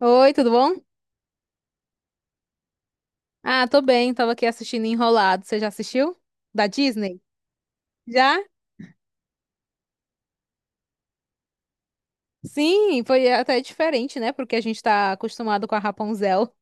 Oi, tudo bom? Ah, tô bem, tava aqui assistindo Enrolado. Você já assistiu? Da Disney? Já? Sim, foi até diferente, né? Porque a gente tá acostumado com a Rapunzel.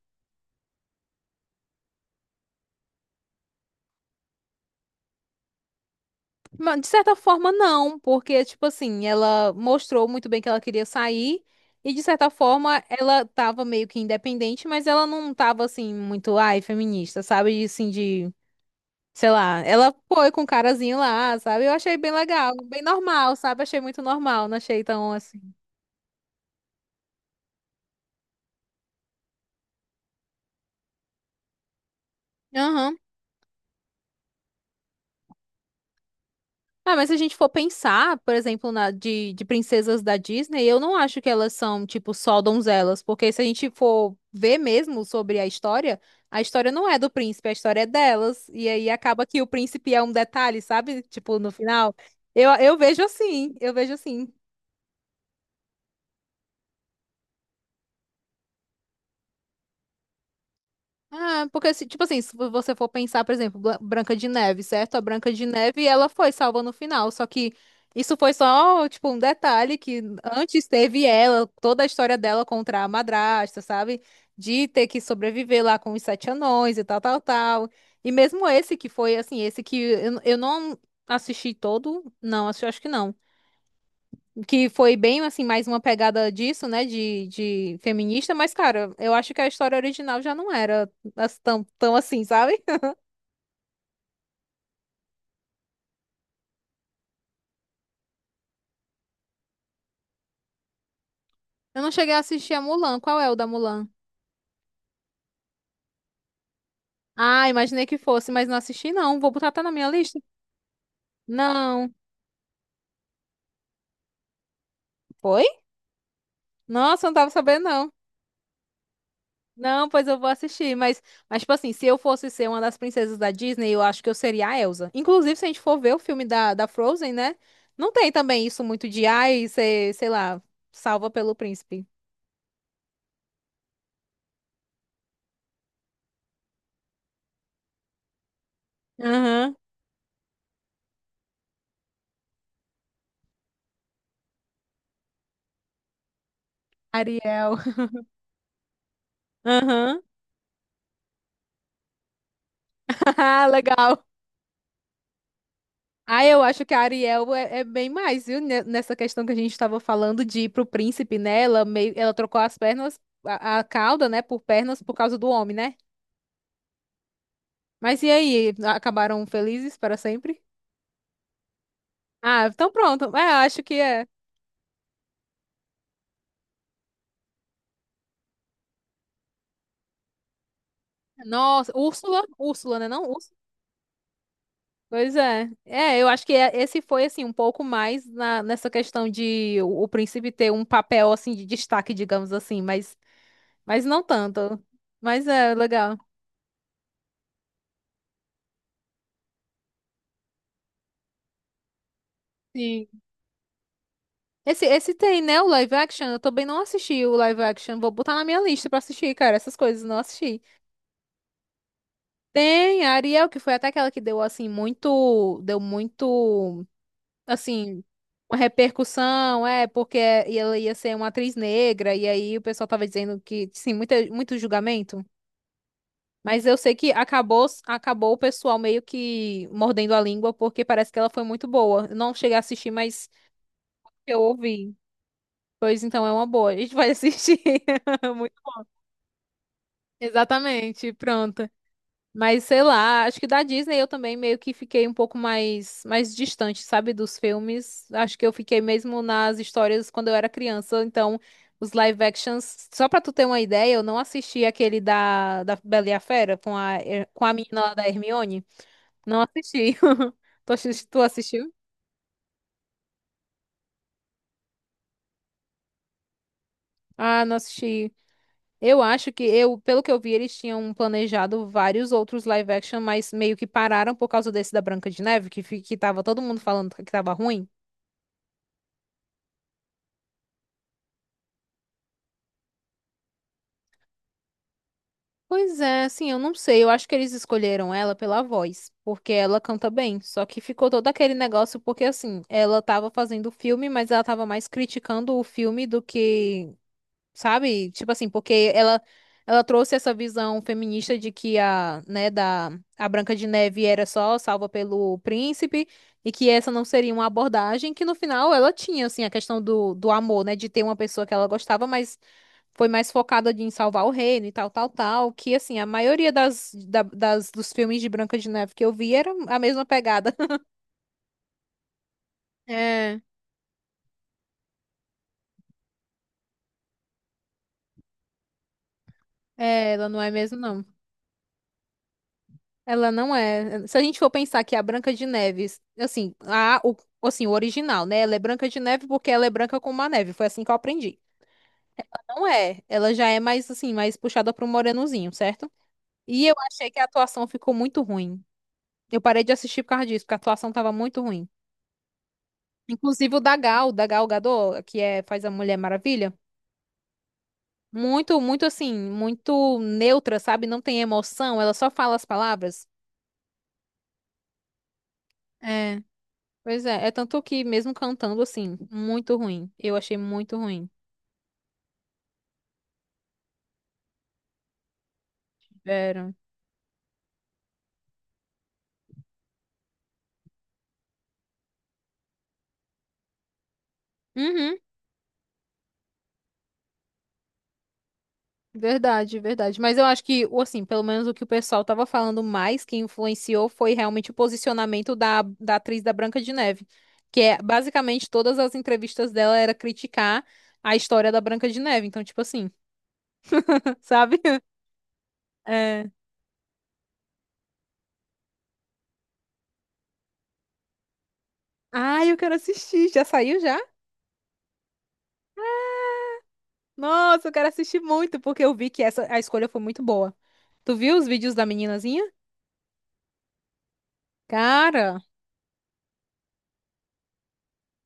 Mas, de certa forma, não, porque, tipo assim, ela mostrou muito bem que ela queria sair, e de certa forma, ela tava meio que independente, mas ela não tava, assim, muito, ai, feminista, sabe? E, assim, de, sei lá, ela foi com o carazinho lá, sabe? Eu achei bem legal, bem normal, sabe? Achei muito normal, não achei tão assim. Aham. Ah, mas se a gente for pensar, por exemplo, na, de princesas da Disney, eu não acho que elas são, tipo, só donzelas, porque se a gente for ver mesmo sobre a história não é do príncipe, a história é delas, e aí acaba que o príncipe é um detalhe, sabe? Tipo, no final. Eu vejo assim, eu vejo assim. Ah, porque, tipo assim, se você for pensar, por exemplo, Branca de Neve, certo? A Branca de Neve, ela foi salva no final, só que isso foi só, tipo, um detalhe que antes teve ela, toda a história dela contra a madrasta, sabe? De ter que sobreviver lá com os sete anões e tal, tal, tal. E mesmo esse que foi, assim, esse que eu não assisti todo, não, acho que não que foi bem assim mais uma pegada disso, né, de feminista, mas cara, eu acho que a história original já não era tão, tão assim, sabe? Eu não cheguei a assistir a Mulan. Qual é o da Mulan? Ah, imaginei que fosse, mas não assisti não. Vou botar até na minha lista. Não. Foi? Nossa, não tava sabendo não. Não, pois eu vou assistir, mas tipo assim, se eu fosse ser uma das princesas da Disney, eu acho que eu seria a Elsa. Inclusive, se a gente for ver o filme da Frozen, né? Não tem também isso muito de ai, ser, sei lá, salva pelo príncipe. Aham, Ariel. Aham. Ah, legal. Ah, eu acho que a Ariel é, é bem mais, viu? Nessa questão que a gente estava falando de ir pro príncipe, né? Ela meio, ela trocou as pernas, a cauda, né, por pernas por causa do homem, né? Mas e aí? Acabaram felizes para sempre? Ah, então pronto. É, eu acho que é. Nossa, Úrsula, Úrsula, né? Não, Úrsula. Pois é. É, eu acho que esse foi assim um pouco mais na, nessa questão de o príncipe ter um papel assim de destaque, digamos assim, mas não tanto. Mas é legal. Sim. Esse tem, né? O live action. Eu também não assisti o live action. Vou botar na minha lista pra assistir, cara. Essas coisas, não assisti. Tem a Ariel, que foi até aquela que deu, assim, muito. Deu muito. Assim. Uma repercussão, é, porque ela ia ser uma atriz negra. E aí o pessoal tava dizendo que. Sim, muita, muito julgamento. Mas eu sei que acabou, acabou o pessoal meio que mordendo a língua, porque parece que ela foi muito boa. Eu não cheguei a assistir, mas eu ouvi. Pois então é uma boa, a gente vai assistir. Muito bom. Exatamente, pronta. Mas sei lá, acho que da Disney eu também meio que fiquei um pouco mais mais distante, sabe, dos filmes. Acho que eu fiquei mesmo nas histórias quando eu era criança, então os live actions, só pra tu ter uma ideia, eu não assisti aquele da Bela e a Fera com a com a menina lá da Hermione. Não assisti. Tu assistiu? Ah, não assisti. Eu acho que eu, pelo que eu vi, eles tinham planejado vários outros live action, mas meio que pararam por causa desse da Branca de Neve, que, que tava todo mundo falando que tava ruim. Pois é, assim, eu não sei. Eu acho que eles escolheram ela pela voz, porque ela canta bem. Só que ficou todo aquele negócio, porque assim, ela tava fazendo o filme, mas ela tava mais criticando o filme do que sabe? Tipo assim, porque ela ela trouxe essa visão feminista de que a, né, da a Branca de Neve era só salva pelo príncipe e que essa não seria uma abordagem que no final ela tinha assim a questão do amor, né, de ter uma pessoa que ela gostava, mas foi mais focada de em salvar o reino e tal, tal, tal, que assim, a maioria das, das dos filmes de Branca de Neve que eu vi era a mesma pegada. É, é, ela não é mesmo, não. Ela não é. Se a gente for pensar que é a Branca de Neve, assim, o, assim, o original, né? Ela é Branca de Neve porque ela é branca como a neve. Foi assim que eu aprendi. Não é. Ela já é mais, assim, mais puxada pro morenozinho, certo? E eu achei que a atuação ficou muito ruim. Eu parei de assistir por causa disso, porque a atuação tava muito ruim. Inclusive o da Gal Gadot, que é, faz a Mulher Maravilha. Muito, muito assim, muito neutra, sabe? Não tem emoção, ela só fala as palavras. É. Pois é, é tanto que mesmo cantando assim, muito ruim. Eu achei muito ruim. Era. Uhum, verdade, verdade. Mas eu acho que, assim, pelo menos o que o pessoal tava falando mais que influenciou foi realmente o posicionamento da atriz da Branca de Neve. Que é basicamente todas as entrevistas dela era criticar a história da Branca de Neve. Então, tipo assim, sabe? É. Ai, eu quero assistir. Já saiu já? Nossa, eu quero assistir muito, porque eu vi que essa, a escolha foi muito boa. Tu viu os vídeos da meninazinha? Cara,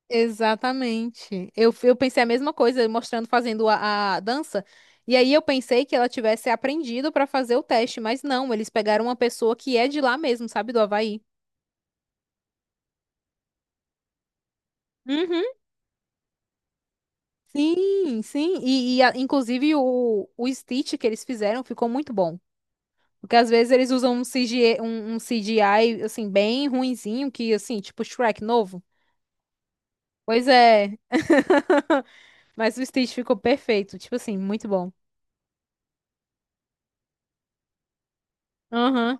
exatamente. Eu pensei a mesma coisa, mostrando fazendo a dança. E aí eu pensei que ela tivesse aprendido pra fazer o teste, mas não, eles pegaram uma pessoa que é de lá mesmo, sabe, do Havaí. Uhum. Sim, sim. Inclusive o Stitch que eles fizeram ficou muito bom. Porque às vezes eles usam um CGI, um, um CGI assim, bem ruinzinho, que assim, tipo Shrek novo. Pois é. Mas o Stitch ficou perfeito. Tipo assim, muito bom. Aham.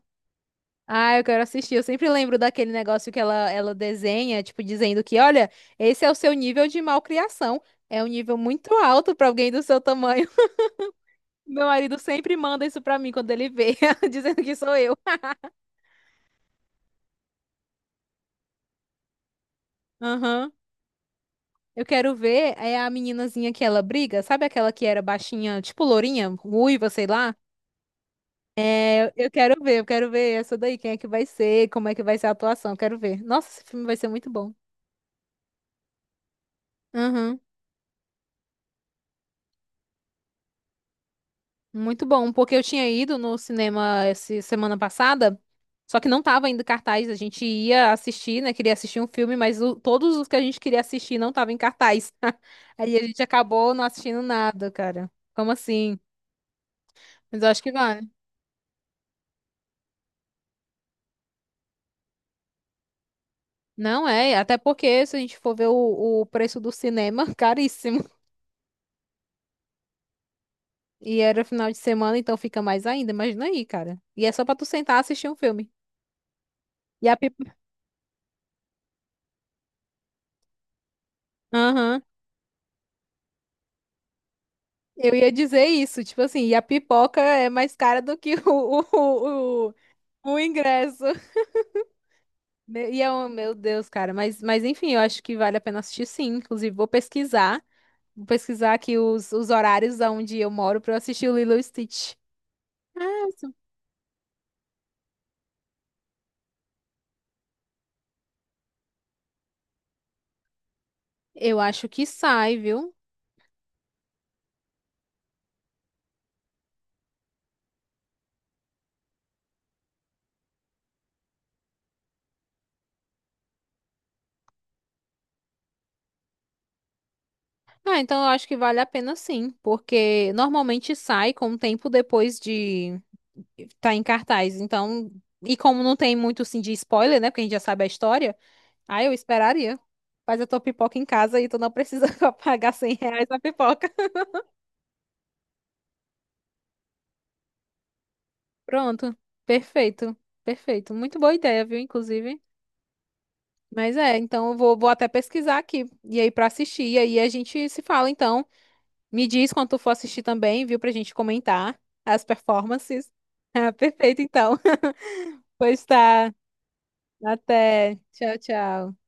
Ah, eu quero assistir. Eu sempre lembro daquele negócio que ela desenha, tipo, dizendo que, olha, esse é o seu nível de malcriação. É um nível muito alto pra alguém do seu tamanho. Meu marido sempre manda isso pra mim quando ele vê, dizendo que sou eu. Aham. Eu quero ver é a meninazinha que ela briga, sabe aquela que era baixinha, tipo lourinha, ruiva, sei lá? Eu quero ver, eu quero ver essa daí, quem é que vai ser, como é que vai ser a atuação, eu quero ver. Nossa, esse filme vai ser muito bom. Muito bom, porque eu tinha ido no cinema essa semana passada, só que não tava ainda em cartaz. A gente ia assistir, né? Queria assistir um filme, mas todos os que a gente queria assistir não estavam em cartaz. Aí a gente acabou não assistindo nada, cara. Como assim? Mas eu acho que vale. Não é, até porque se a gente for ver o preço do cinema, caríssimo. E era final de semana, então fica mais ainda. Imagina aí, cara. E é só pra tu sentar e assistir um filme. E a pipoca. Eu ia dizer isso, tipo assim, e a pipoca é mais cara do que o o ingresso. E é um, meu Deus, cara, mas enfim, eu acho que vale a pena assistir sim. Inclusive, vou pesquisar aqui os horários onde eu moro pra eu assistir o Lilo e Stitch. Ah, isso. Eu acho que sai, viu? Ah, então eu acho que vale a pena sim, porque normalmente sai com um tempo depois de estar em cartaz. Então, e como não tem muito assim de spoiler, né? Porque a gente já sabe a história. Ah, eu esperaria. Faz a tua pipoca em casa e tu não precisa pagar 100 reais na pipoca. Pronto. Perfeito. Perfeito. Muito boa ideia, viu, inclusive. Mas é, então eu vou, vou até pesquisar aqui. E aí pra assistir. E aí a gente se fala, então. Me diz quando tu for assistir também, viu, pra gente comentar as performances. Ah, perfeito, então. Pois tá. Até. Tchau, tchau.